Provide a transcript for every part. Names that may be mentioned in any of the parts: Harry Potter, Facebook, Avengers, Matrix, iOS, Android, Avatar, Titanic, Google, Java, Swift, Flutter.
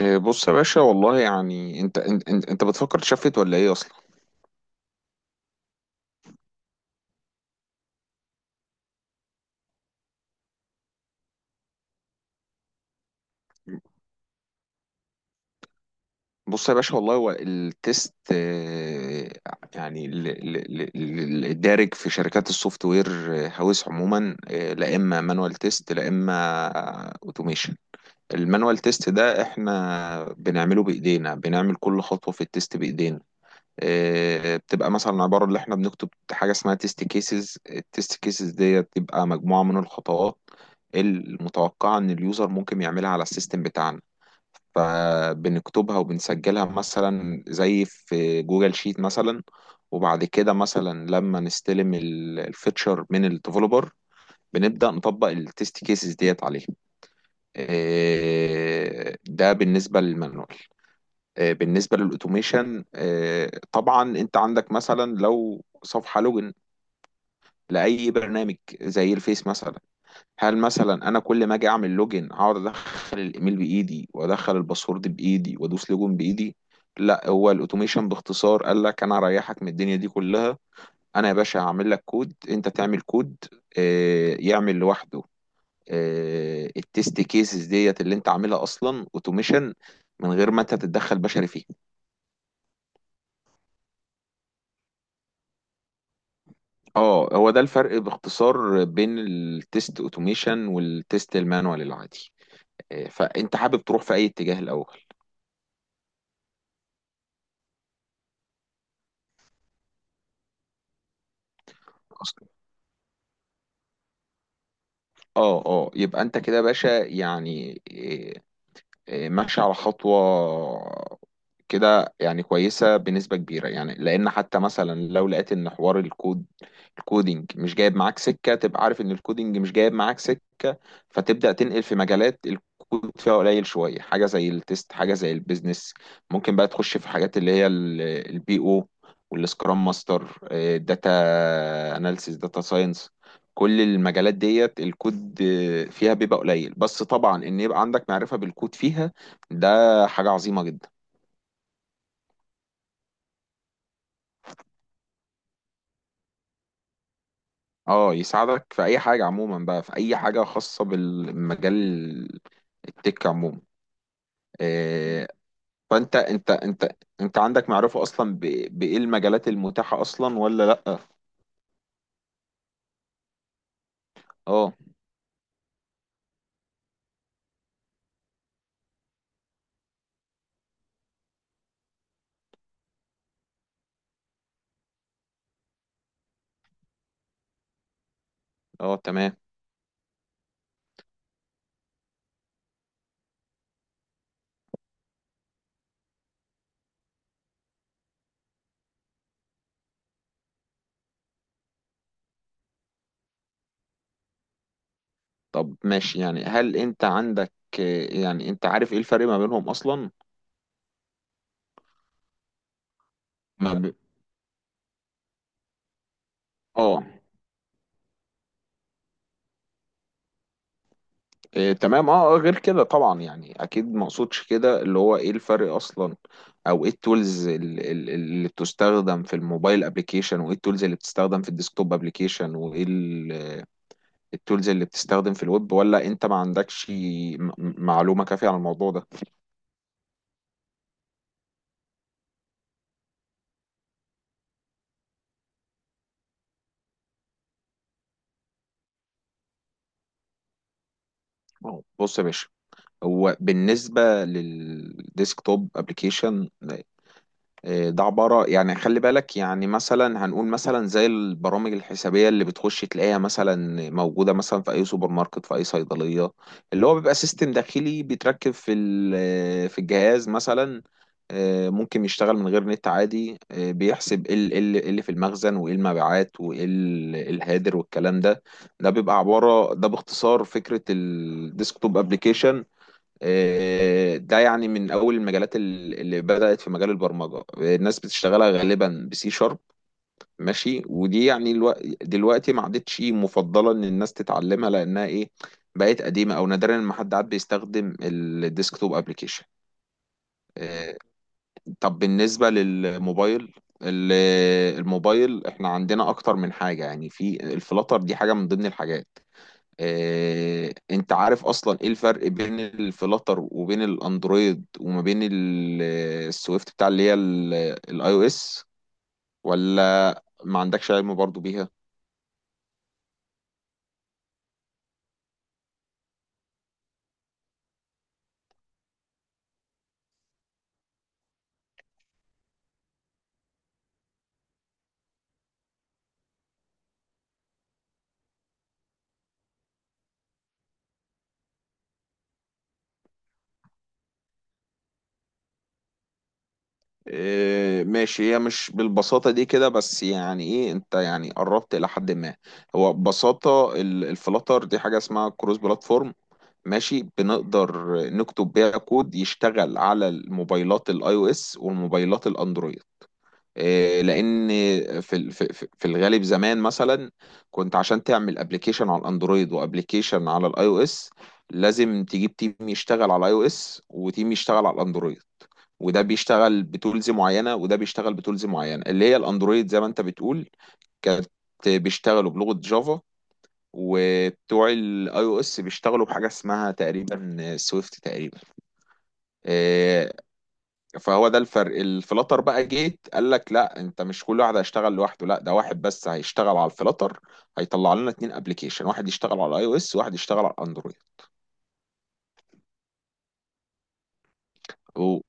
إيه، بص يا باشا والله يعني انت بتفكر تشفت ولا ايه اصلا؟ بص يا باشا والله هو التيست. يعني الدارج في شركات السوفت وير هاوس عموما، لا اما مانوال تيست لا اما اوتوميشن. المانوال تيست ده احنا بنعمله بايدينا، بنعمل كل خطوة في التيست بايدينا. بتبقى مثلا عبارة اللي احنا بنكتب حاجة اسمها تيست كيسز. التيست كيسز دي بتبقى مجموعة من الخطوات المتوقعة ان اليوزر ممكن يعملها على السيستم بتاعنا، فبنكتبها وبنسجلها مثلا زي في جوجل شيت مثلا. وبعد كده مثلا لما نستلم الفيتشر من الديفلوبر بنبدأ نطبق التيست كيسز ديت عليه. ده بالنسبة للمانوال. بالنسبة للأوتوميشن، طبعا أنت عندك مثلا لو صفحة لوجن لأي برنامج زي الفيس مثلا، هل مثلا أنا كل ما أجي أعمل لوجن أقعد أدخل الإيميل بإيدي وأدخل الباسورد بإيدي وأدوس لوجن بإيدي؟ لا، هو الأوتوميشن باختصار قال لك أنا هريحك من الدنيا دي كلها. أنا يا باشا هعمل لك كود، أنت تعمل كود، يعمل لوحده. التست كيسز ديت اللي أنت عاملها أصلا أوتوميشن من غير ما أنت تتدخل بشري فيه. اه، هو ده الفرق باختصار بين التيست اوتوميشن والتيست المانوال العادي. فانت حابب تروح في اي اتجاه الاول؟ اصلا اه اه، يبقى انت كده يا باشا يعني، إيه، ماشي على خطوة كده، يعني كويسة بنسبة كبيرة يعني. لأن حتى مثلا لو لقيت إن حوار الكود الكودينج مش جايب معاك سكة تبقى عارف إن الكودينج مش جايب معاك سكة، فتبدأ تنقل في مجالات الكود فيها قليل شوية، حاجة زي التست، حاجة زي البيزنس. ممكن بقى تخش في حاجات اللي هي البي أو والسكرام ماستر، داتا اناليسيس، داتا ساينس. كل المجالات ديت الكود فيها بيبقى قليل، بس طبعا ان يبقى عندك معرفة بالكود فيها ده حاجة عظيمة جدا. اه، يساعدك في اي حاجة عموما بقى، في اي حاجة خاصة بالمجال التك عموما. آه، فانت انت انت انت عندك معرفة اصلا بايه المجالات المتاحة اصلا ولا لا؟ اه اه تمام. طب ماشي يعني، هل انت عندك، يعني انت عارف ايه الفرق ما بينهم اصلا؟ ما ب... اه إيه تمام اه، غير كده طبعا، يعني اكيد ما اقصدش كده اللي هو ايه الفرق اصلا، او ايه التولز اللي بتستخدم في الموبايل ابلكيشن وايه التولز اللي بتستخدم في الديسكتوب ابلكيشن وايه التولز اللي بتستخدم في الويب، ولا انت ما عندكش معلومة كافية عن الموضوع ده؟ أهو، بص يا باشا، هو بالنسبة للديسكتوب ابلكيشن إيه، ده عبارة يعني خلي بالك يعني مثلا هنقول مثلا زي البرامج الحسابية اللي بتخش تلاقيها مثلا موجودة مثلا في أي سوبر ماركت في أي صيدلية، اللي هو بيبقى سيستم داخلي بيتركب في في الجهاز مثلا. ممكن يشتغل من غير نت عادي. بيحسب ايه ال- إيه اللي إيه اللي في المخزن وايه المبيعات وايه ال- إيه الهادر والكلام ده. ده بيبقى عبارة ده باختصار فكرة الديسكتوب ابلكيشن. ده يعني من اول المجالات اللي بدأت في مجال البرمجة الناس بتشتغلها غالبا بسي شارب. ماشي، ودي يعني دلوقتي ما عادتش مفضلة ان الناس تتعلمها، لانها ايه، بقت قديمة، او نادرا ما حد عاد بيستخدم الديسكتوب ابلكيشن. آه، طب بالنسبة للموبايل، ال- الموبايل احنا عندنا اكتر من حاجة يعني، في الفلاتر دي حاجة من ضمن الحاجات. انت عارف اصلا ايه الفرق بين الفلاتر وبين الاندرويد وما بين السويفت بتاع اللي هي الاي او اس، ولا ما عندكش علم برضو بيها؟ ماشي، هي مش بالبساطة دي كده، بس يعني ايه انت يعني قربت الى حد ما. هو ببساطة الفلاتر دي حاجة اسمها كروس بلاتفورم، ماشي، بنقدر نكتب بيها كود يشتغل على الموبايلات الاي او اس والموبايلات الاندرويد إيه، لان في ال- في في في الغالب زمان مثلا كنت عشان تعمل ابلكيشن على الاندرويد وابلكيشن على الاي او اس لازم تجيب تيم يشتغل على الاي او اس وتيم يشتغل على الاندرويد، وده بيشتغل بتولز معينه وده بيشتغل بتولز معينه، اللي هي الاندرويد زي ما انت بتقول كانت بيشتغلوا بلغه جافا، وبتوع الاي او اس بيشتغلوا بحاجه اسمها تقريبا سويفت تقريبا. آه، فهو ده الفرق، الفلاتر بقى جيت قال لك لا انت مش كل واحد هيشتغل لوحده، لا ده واحد بس هيشتغل على الفلاتر هيطلع لنا اتنين ابلكيشن، واحد يشتغل على اي او اس وواحد يشتغل على اندرويد. أوه.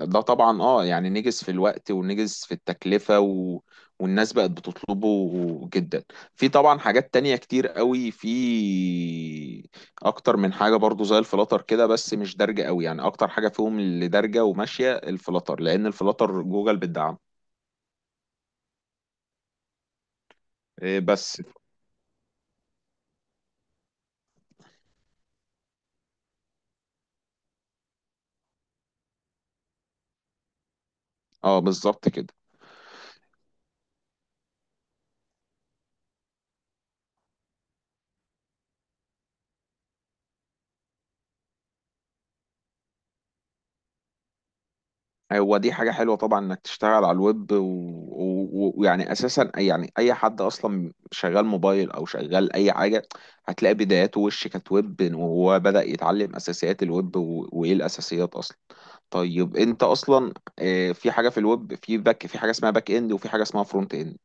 ده طبعا اه يعني نجز في الوقت ونجز في التكلفة والناس بقت بتطلبه جدا. في طبعا حاجات تانية كتير قوي، في اكتر من حاجة برضو زي الفلاتر كده بس مش دارجة قوي يعني، اكتر حاجة فيهم اللي دارجة وماشية الفلاتر لان الفلاتر جوجل بتدعم. إيه بس اه، بالظبط كده. هو دي حاجة حلوة طبعا انك تشتغل على الويب ويعني ويعني اساسا يعني اي حد اصلا شغال موبايل او شغال اي حاجة هتلاقي بداياته وش كانت ويب وهو بدأ يتعلم اساسيات الويب، وايه الاساسيات اصلا. طيب انت اصلا، في حاجة في الويب في حاجة اسمها باك اند وفي حاجة اسمها فرونت اند.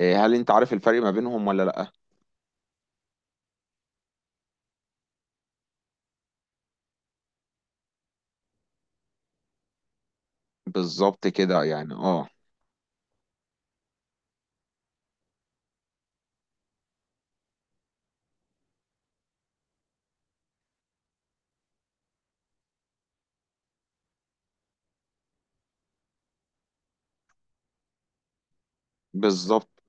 هل انت عارف الفرق ما بينهم ولا لا؟ بالظبط كده يعني اه، بالظبط.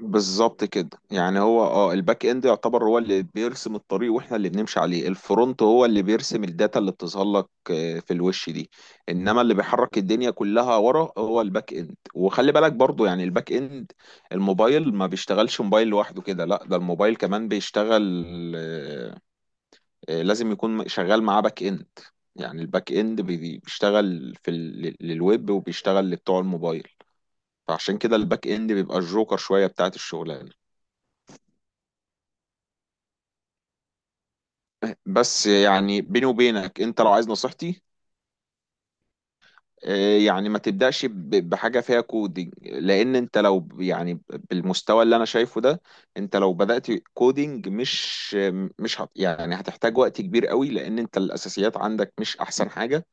بالظبط كده يعني هو اه الباك اند يعتبر هو اللي بيرسم الطريق واحنا اللي بنمشي عليه، الفرونت هو اللي بيرسم الداتا اللي بتظهر لك، في الوش دي، انما اللي بيحرك الدنيا كلها ورا هو الباك اند. وخلي بالك برضو يعني الباك اند، الموبايل ما بيشتغلش موبايل لوحده كده، لا ده الموبايل كمان بيشتغل، لازم يكون شغال معاه باك اند. يعني الباك اند بيشتغل في للويب وبيشتغل لبتوع الموبايل، فعشان كده الباك اند بيبقى الجوكر شوية بتاعت الشغلانة. بس يعني بيني وبينك انت لو عايز نصيحتي، اه، يعني ما تبدأش بحاجة فيها كودينج، لأن انت يعني بالمستوى اللي أنا شايفه ده انت لو بدأت كودينج مش يعني هتحتاج وقت كبير قوي، لأن انت الأساسيات عندك مش أحسن حاجة.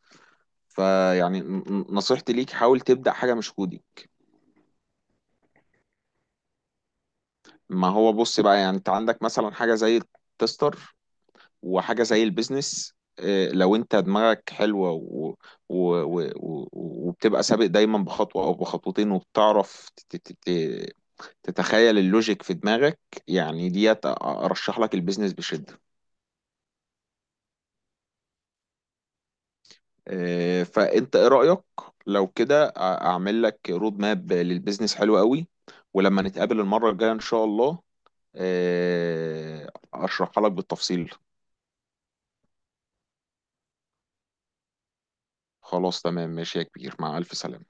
فيعني نصيحتي ليك حاول تبدأ حاجة مش كودينج. ما هو بص بقى يعني انت عندك مثلا حاجة زي التستر وحاجة زي البيزنس. لو انت دماغك حلوة و... و... و... وبتبقى سابق دايما بخطوة او بخطوتين، وبتعرف تتخيل اللوجيك في دماغك. يعني ديت ارشح لك البيزنس بشدة. فانت ايه رأيك، لو كده اعمل لك رود ماب للبيزنس حلو قوي، ولما نتقابل المرة الجاية ان شاء الله اشرحها لك بالتفصيل. خلاص تمام ماشي يا كبير، مع الف سلامة.